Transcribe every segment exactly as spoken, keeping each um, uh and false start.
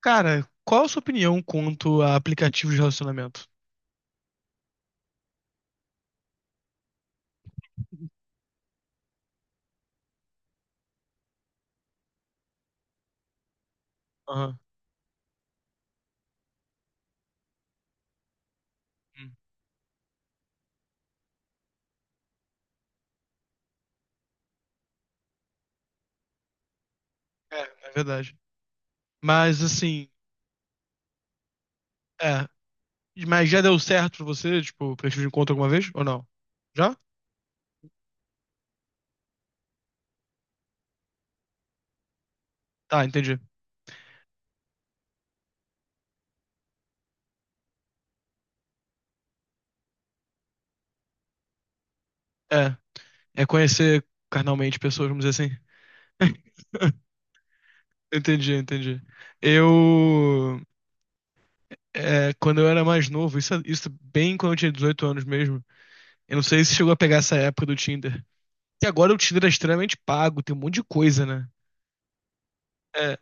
Cara, qual a sua opinião quanto a aplicativos de relacionamento? Aham. Hum. É, é verdade. Mas assim, é. Mas já deu certo pra você, tipo, aplicativo de encontro alguma vez? Ou não? Já? Tá, entendi. É. É conhecer carnalmente pessoas, vamos dizer assim. Entendi, entendi. Eu, é, quando eu era mais novo, isso, isso bem quando eu tinha dezoito anos mesmo, eu não sei se chegou a pegar essa época do Tinder. Que agora o Tinder é extremamente pago, tem um monte de coisa, né? É,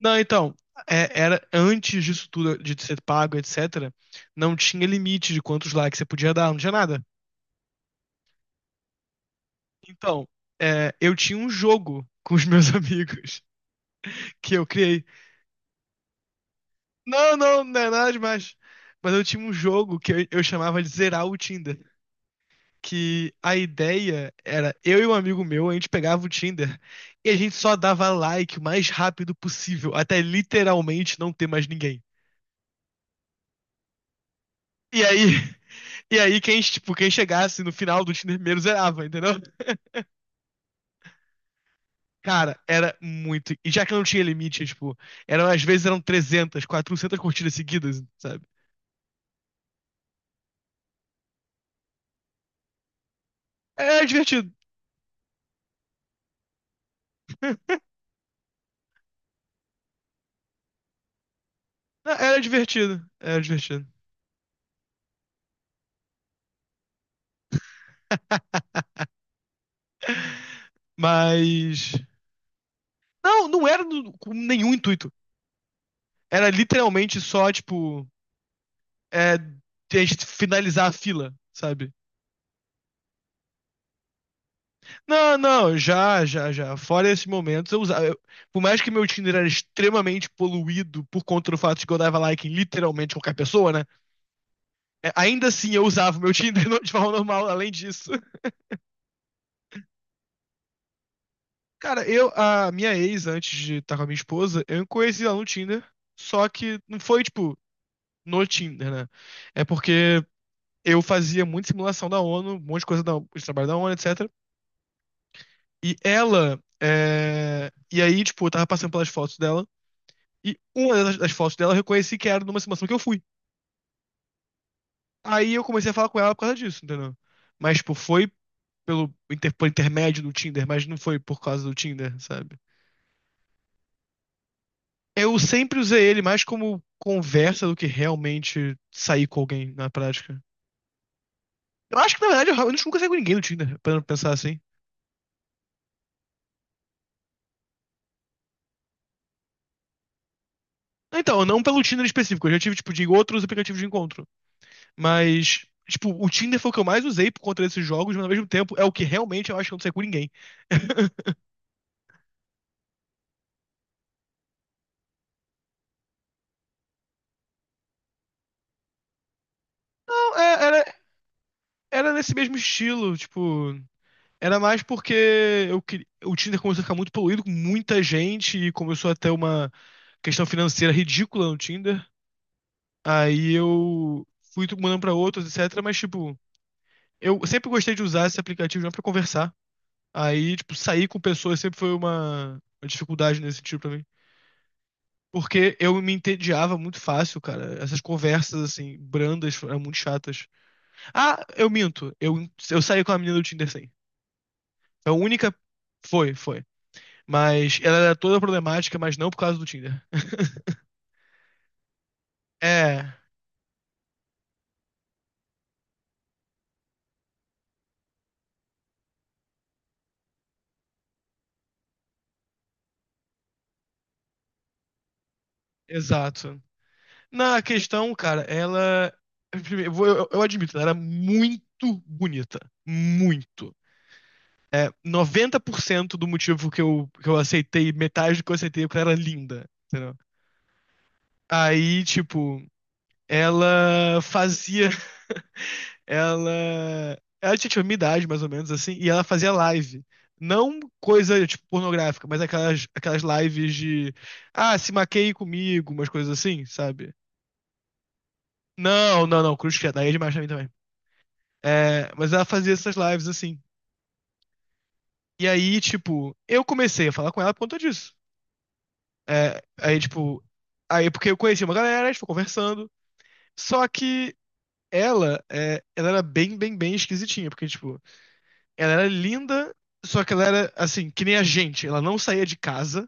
não, então, é- era antes disso tudo, de ser pago, etcétera, não tinha limite de quantos likes você podia dar, não tinha nada. Então, é, eu tinha um jogo com os meus amigos que eu criei. Não, não, não é nada demais. Mas eu tinha um jogo que eu, eu chamava de Zerar o Tinder. Que a ideia era eu e um amigo meu, a gente pegava o Tinder e a gente só dava like o mais rápido possível, até literalmente não ter mais ninguém. E aí, e aí quem, tipo, quem chegasse no final do Tinder primeiro zerava, entendeu? Cara, era muito. E já que eu não tinha limite, tipo, eram, às vezes eram trezentas, quatrocentas curtidas seguidas, sabe? Era divertido. Era divertido. Era divertido. Mas. Não, não era no- com nenhum intuito. Era literalmente só, tipo, é, a gente finalizar a fila, sabe? Não, não, já, já, já. Fora esse momento, eu usava. Eu- por mais que meu Tinder era extremamente poluído por conta do fato de que eu dava like em literalmente qualquer pessoa, né? É, ainda assim eu usava o meu Tinder de forma normal, além disso. Cara, eu, a minha ex, antes de estar com a minha esposa, eu conheci ela no Tinder. Só que não foi, tipo, no Tinder, né? É porque eu fazia muita simulação da ONU, um monte de coisa da, de trabalho da ONU, etcétera. E ela. É, e aí, tipo, eu tava passando pelas fotos dela. E uma das, das fotos dela eu reconheci que era numa simulação que eu fui. Aí eu comecei a falar com ela por causa disso, entendeu? Mas, tipo, foi pelo inter- por intermédio do Tinder, mas não foi por causa do Tinder, sabe? Eu sempre usei ele mais como conversa do que realmente sair com alguém na prática. Eu acho que, na verdade, eu realmente nunca saí com ninguém no Tinder, pra pensar assim. Então, não pelo Tinder específico, eu já tive, tipo, de outros aplicativos de encontro. Mas, tipo, o Tinder foi o que eu mais usei por conta desses jogos, mas ao mesmo tempo é o que realmente eu acho que eu não saí com ninguém. Não, é- era, era nesse mesmo estilo, tipo. Era mais porque eu queria. O Tinder começou a ficar muito poluído com muita gente e começou a ter uma questão financeira ridícula no Tinder. Aí eu fui mandando pra outros, etcétera. Mas, tipo, eu sempre gostei de usar esse aplicativo já pra conversar. Aí, tipo, sair com pessoas sempre foi uma, uma, dificuldade nesse sentido pra mim. Porque eu me entediava muito fácil, cara. Essas conversas, assim, brandas, eram muito chatas. Ah, eu minto. Eu, eu saí com a menina do Tinder, sim. A única. Foi, foi. Mas ela era toda problemática, mas não por causa do Tinder. É, exato. Na questão, cara, ela. Primeiro, eu, vou- eu- eu admito, ela era muito bonita. Muito. É, noventa por cento do motivo que eu, que eu, aceitei, metade do que eu aceitei, é porque ela era linda. Entendeu? Aí, tipo, ela fazia ela. Ela tinha, tipo, minha idade, mais ou menos, assim, e ela fazia live. Não coisa, tipo, pornográfica, mas aquelas, aquelas lives de. Ah, se maqueie comigo, umas coisas assim, sabe? Não, não, não, cruz credo, aí é demais pra mim também. É, mas ela fazia essas lives, assim. E aí, tipo, eu comecei a falar com ela por conta disso. É, aí, tipo. Aí, porque eu conheci uma galera, a gente foi conversando. Só que ela, é, ela era bem, bem, bem esquisitinha, porque, tipo. Ela era linda, só que ela era, assim, que nem a gente. Ela não saía de casa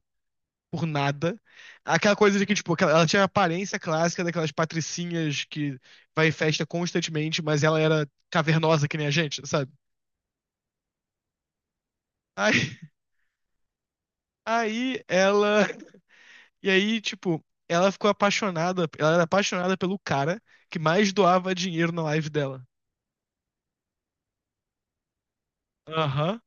por nada. Aquela coisa de que, tipo, aquela- ela tinha a aparência clássica daquelas patricinhas que vai em festa constantemente, mas ela era cavernosa que nem a gente, sabe? Aí, aí ela. E aí, tipo, ela ficou apaixonada. Ela era apaixonada pelo cara que mais doava dinheiro na live dela. Aham.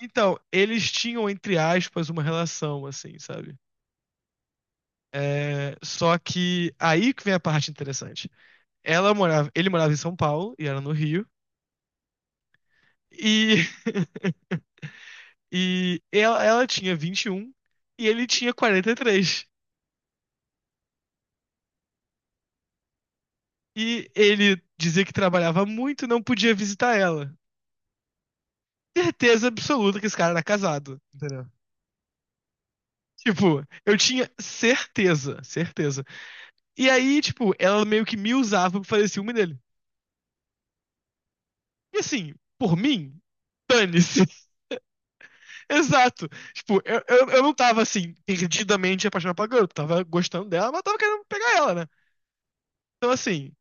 Então, eles tinham, entre aspas, uma relação, assim, sabe? É, só que aí que vem a parte interessante. Ela morava, ele morava em São Paulo e era no Rio. E, e ela, ela tinha vinte e um e ele tinha quarenta e três. E três. E ele dizia que trabalhava muito e não podia visitar ela. Certeza absoluta que esse cara era casado, entendeu? Tipo, eu tinha certeza, certeza. E aí, tipo, ela meio que me usava pra fazer ciúme dele. E assim, por mim, dane-se. Exato. Tipo, eu, eu, eu não tava assim, perdidamente apaixonado pela garota. Tava gostando dela, mas tava querendo pegar ela, né? Então, assim,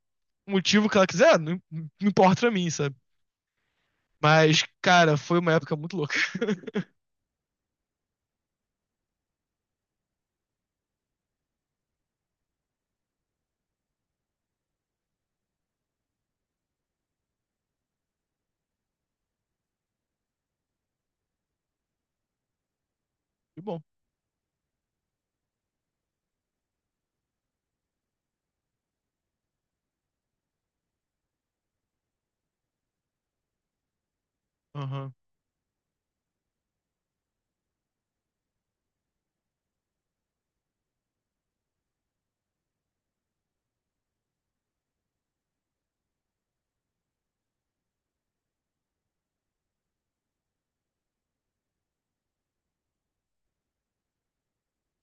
o motivo que ela quiser, não, não importa pra mim, sabe? Mas, cara, foi uma época muito louca. Que bom. Aham.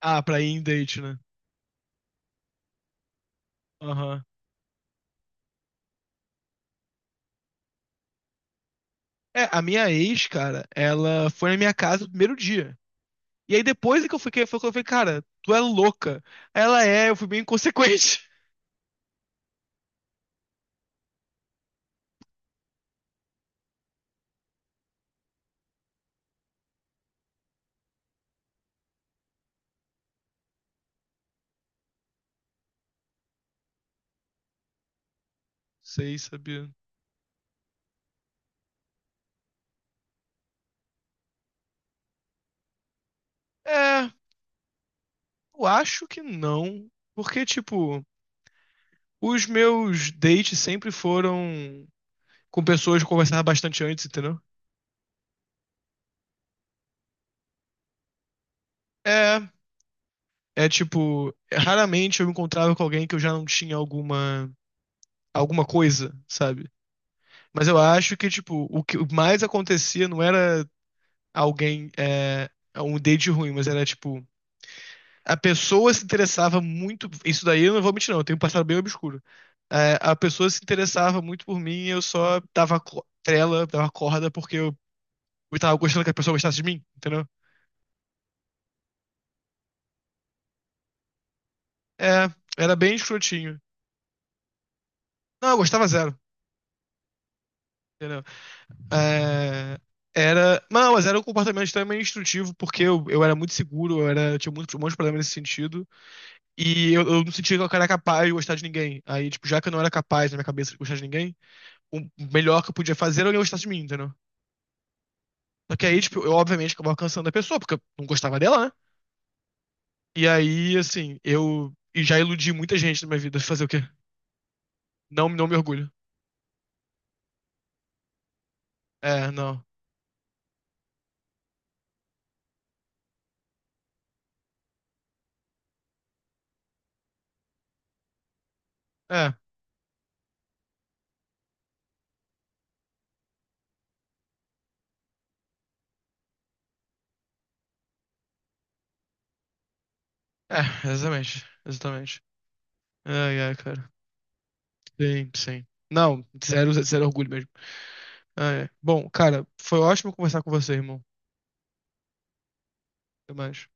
Ah, pra ir em date, né? Aham. É, a minha ex, cara, ela foi na minha casa no primeiro dia. E aí depois é que eu fiquei, foi que eu falei, cara, tu é louca. Ela é, eu fui bem inconsequente. Sei, sabia? É, eu acho que não. Porque, tipo. Os meus dates sempre foram com pessoas que eu conversava bastante antes, entendeu? É, é tipo, raramente eu me encontrava com alguém que eu já não tinha alguma alguma coisa, sabe? Mas eu acho que tipo, o que mais acontecia não era alguém é, um date ruim, mas era tipo a pessoa se interessava muito. Isso daí eu não vou mentir, não. Eu tenho um passado bem obscuro. É, a pessoa se interessava muito por mim e eu só dava co- trela, dava corda, porque eu eu tava gostando que a pessoa gostasse de mim, entendeu? É, era bem escrotinho. Não, eu gostava zero, entendeu? É, era. Não, mas era um comportamento extremamente instrutivo, porque eu, eu era muito seguro, eu era, eu tinha muito, um monte de problema nesse sentido. E eu, eu não sentia que eu era capaz de gostar de ninguém. Aí, tipo, já que eu não era capaz na minha cabeça de gostar de ninguém, o melhor que eu podia fazer era alguém gostar de mim, entendeu? Só que aí, tipo, eu obviamente acabava cansando a pessoa, porque eu não gostava dela, né? E aí, assim, eu e já iludi muita gente na minha vida. Fazer o quê? Não, não me orgulho. É, não. É, é, exatamente. Exatamente. Ai, ai, cara. Sim, sim. Não, zero, zero orgulho mesmo. Ai, ai. Bom, cara, foi ótimo conversar com você, irmão. Até mais.